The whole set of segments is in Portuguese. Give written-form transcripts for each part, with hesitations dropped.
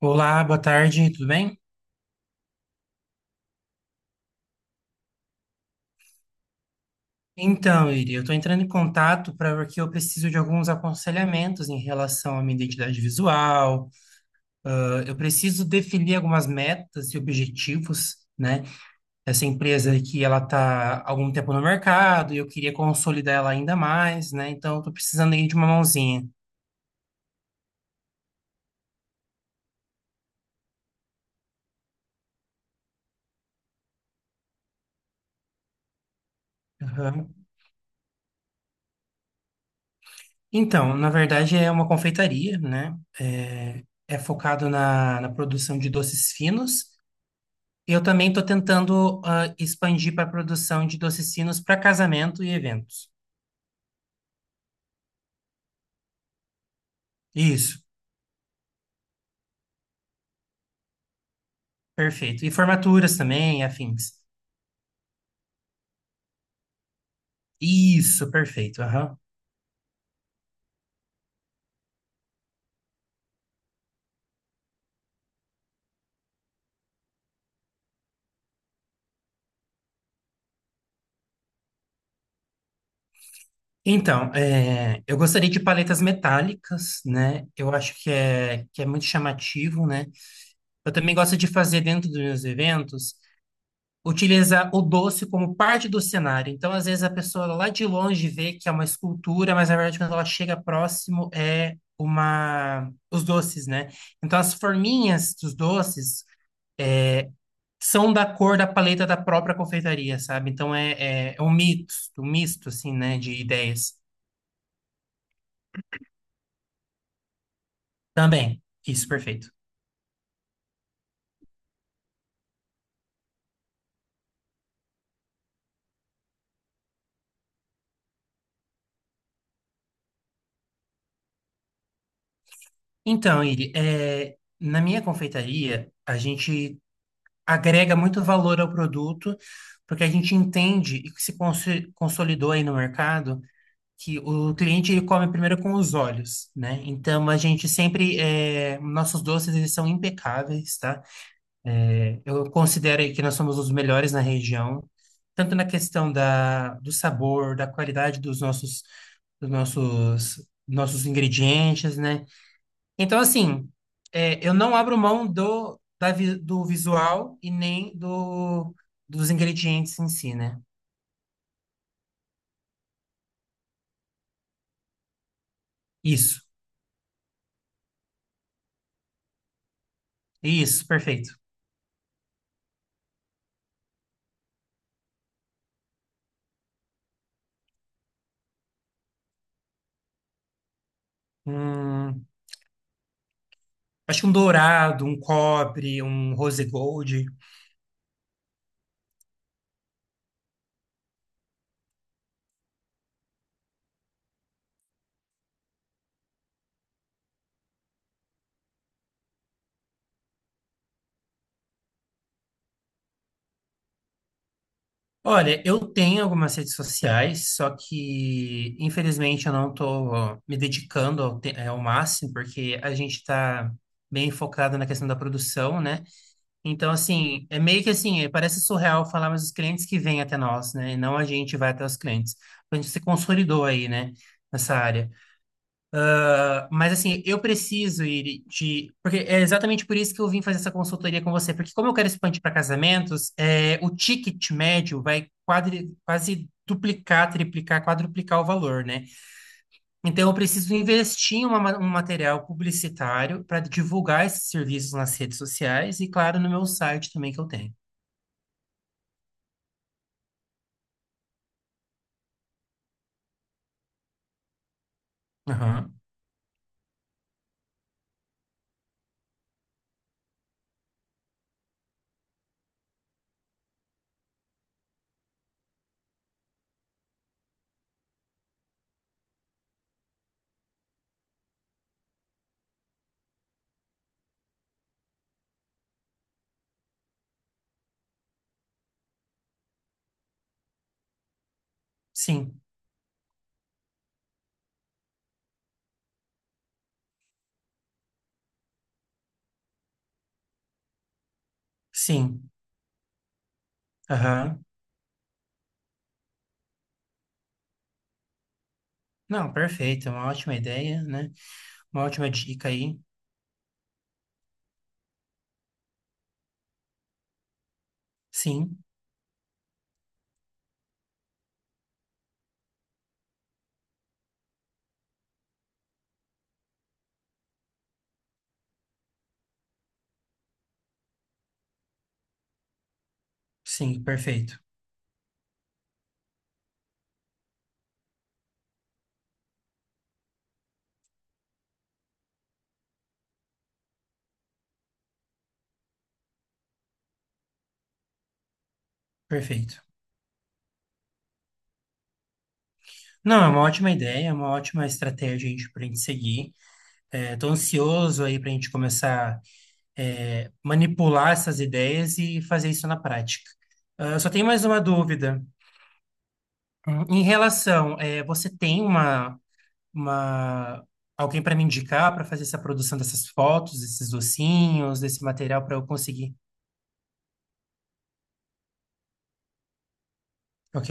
Olá, boa tarde, tudo bem? Então, Iri, eu estou entrando em contato para porque eu preciso de alguns aconselhamentos em relação à minha identidade visual. Eu preciso definir algumas metas e objetivos, né? Essa empresa aqui, ela está há algum tempo no mercado e eu queria consolidar ela ainda mais, né? Então, eu estou precisando aí de uma mãozinha. Aham. Então, na verdade, é uma confeitaria, né? É, é focado na produção de doces finos. Eu também estou tentando expandir para a produção de docecinos para casamento e eventos. Isso, perfeito. E formaturas também, afins. Isso, perfeito, aham. Então, é, eu gostaria de paletas metálicas, né? Eu acho que é muito chamativo, né? Eu também gosto de fazer dentro dos meus eventos utiliza o doce como parte do cenário. Então, às vezes, a pessoa lá de longe vê que é uma escultura, mas na verdade, quando ela chega próximo, é uma os doces, né? Então, as forminhas dos doces é, são da cor da paleta da própria confeitaria, sabe? Então, é um mito, um misto, assim, né, de ideias. Também, isso, perfeito. Então, Iri, é, na minha confeitaria, a gente agrega muito valor ao produto, porque a gente entende e se consolidou aí no mercado que o cliente ele come primeiro com os olhos, né? Então a gente sempre nossos doces eles são impecáveis, tá? Eu considero aí que nós somos os melhores na região, tanto na questão do sabor, da qualidade dos nossos dos nossos ingredientes, né? Então, assim, é, eu não abro mão do visual e nem dos ingredientes em si, né? Isso, isso, perfeito. Hum, acho que um dourado, um cobre, um rose gold. Olha, eu tenho algumas redes sociais, só que infelizmente eu não estou me dedicando ao máximo, porque a gente está bem focado na questão da produção, né? Então, assim, é meio que assim, parece surreal falar, mas os clientes que vêm até nós, né? E não a gente vai até os clientes. A gente se consolidou aí, né? Nessa área. Ah, mas, assim, eu preciso ir de. Porque é exatamente por isso que eu vim fazer essa consultoria com você. Porque, como eu quero expandir para casamentos, é, o ticket médio vai quase duplicar, triplicar, quadruplicar o valor, né? Então, eu preciso investir em um material publicitário para divulgar esses serviços nas redes sociais e, claro, no meu site também que eu tenho. Sim, sim. Aham. Não, perfeito. É uma ótima ideia, né? Uma ótima dica aí. Sim, sim, perfeito. Perfeito. Não, é uma ótima ideia, é uma ótima estratégia a gente, para a gente seguir. É, tô ansioso aí para a gente começar é, manipular essas ideias e fazer isso na prática. Ah, só tenho mais uma dúvida. Em relação, é, você tem uma alguém para me indicar para fazer essa produção dessas fotos, desses docinhos, desse material para eu conseguir. Ok,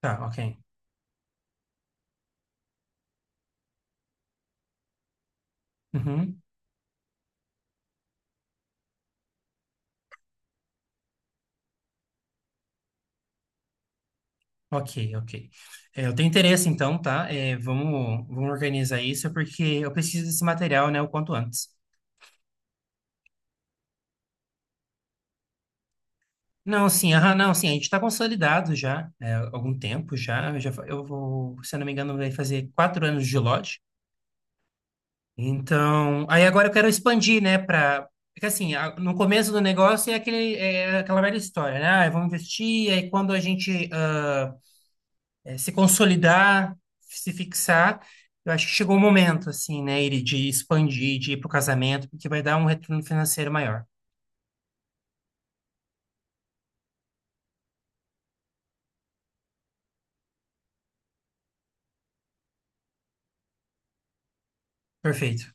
tá, ok. Uhum, ok, ok. É, eu tenho interesse, então, tá? É, vamos organizar isso, é porque eu preciso desse material, né, o quanto antes. Não, sim, aham, não, sim, a gente está consolidado já, é, há algum tempo já, já. Eu vou, se eu não me engano, vai fazer 4 anos de lote. Então, aí agora eu quero expandir, né, para. Porque, assim, no começo do negócio é, aquele, é aquela velha história, né? Ah, vamos investir, aí quando a gente... ah, se consolidar, se fixar. Eu acho que chegou o momento, assim, né, Iri, de expandir, de ir para o casamento, porque vai dar um retorno financeiro maior. Perfeito.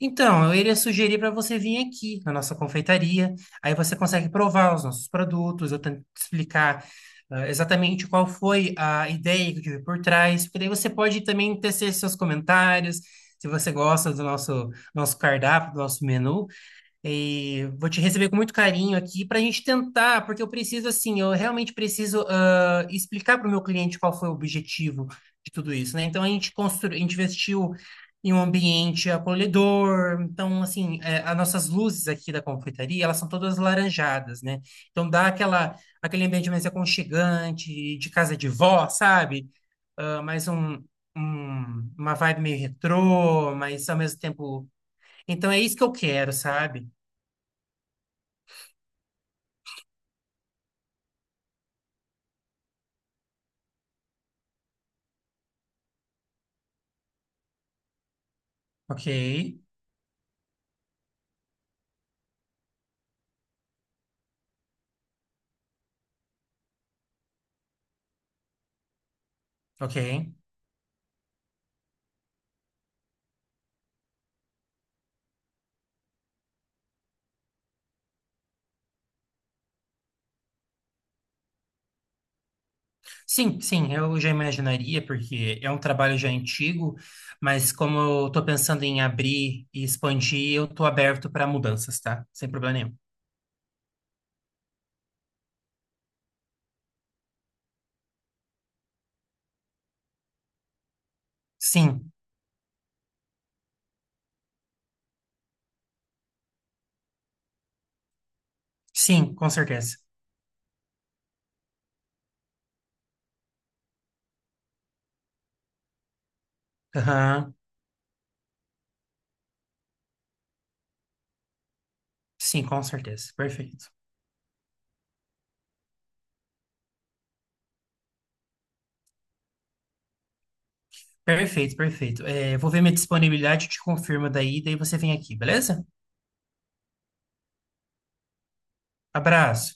Então, eu iria sugerir para você vir aqui na nossa confeitaria, aí você consegue provar os nossos produtos, eu tento te explicar exatamente qual foi a ideia que eu tive por trás, porque daí você pode também tecer seus comentários, se você gosta do nosso cardápio, do nosso menu. E vou te receber com muito carinho aqui para a gente tentar, porque eu preciso, assim, eu realmente preciso explicar para o meu cliente qual foi o objetivo de tudo isso, né? Então a gente construiu, a gente investiu em um ambiente acolhedor, então, assim, é, as nossas luzes aqui da confeitaria, elas são todas laranjadas, né? Então dá aquela, aquele ambiente mais aconchegante, de casa de vó, sabe? Ah, uma vibe meio retrô, mas ao mesmo tempo. Então é isso que eu quero, sabe? Ok, ok. Sim, sim, eu já imaginaria, porque é um trabalho já antigo, mas como eu estou pensando em abrir e expandir, eu estou aberto para mudanças, tá? Sem problema nenhum. Sim, sim, com certeza. Aham, sim, com certeza. Perfeito. Perfeito, perfeito. É, vou ver minha disponibilidade, te confirmo daí, daí você vem aqui, beleza? Abraço.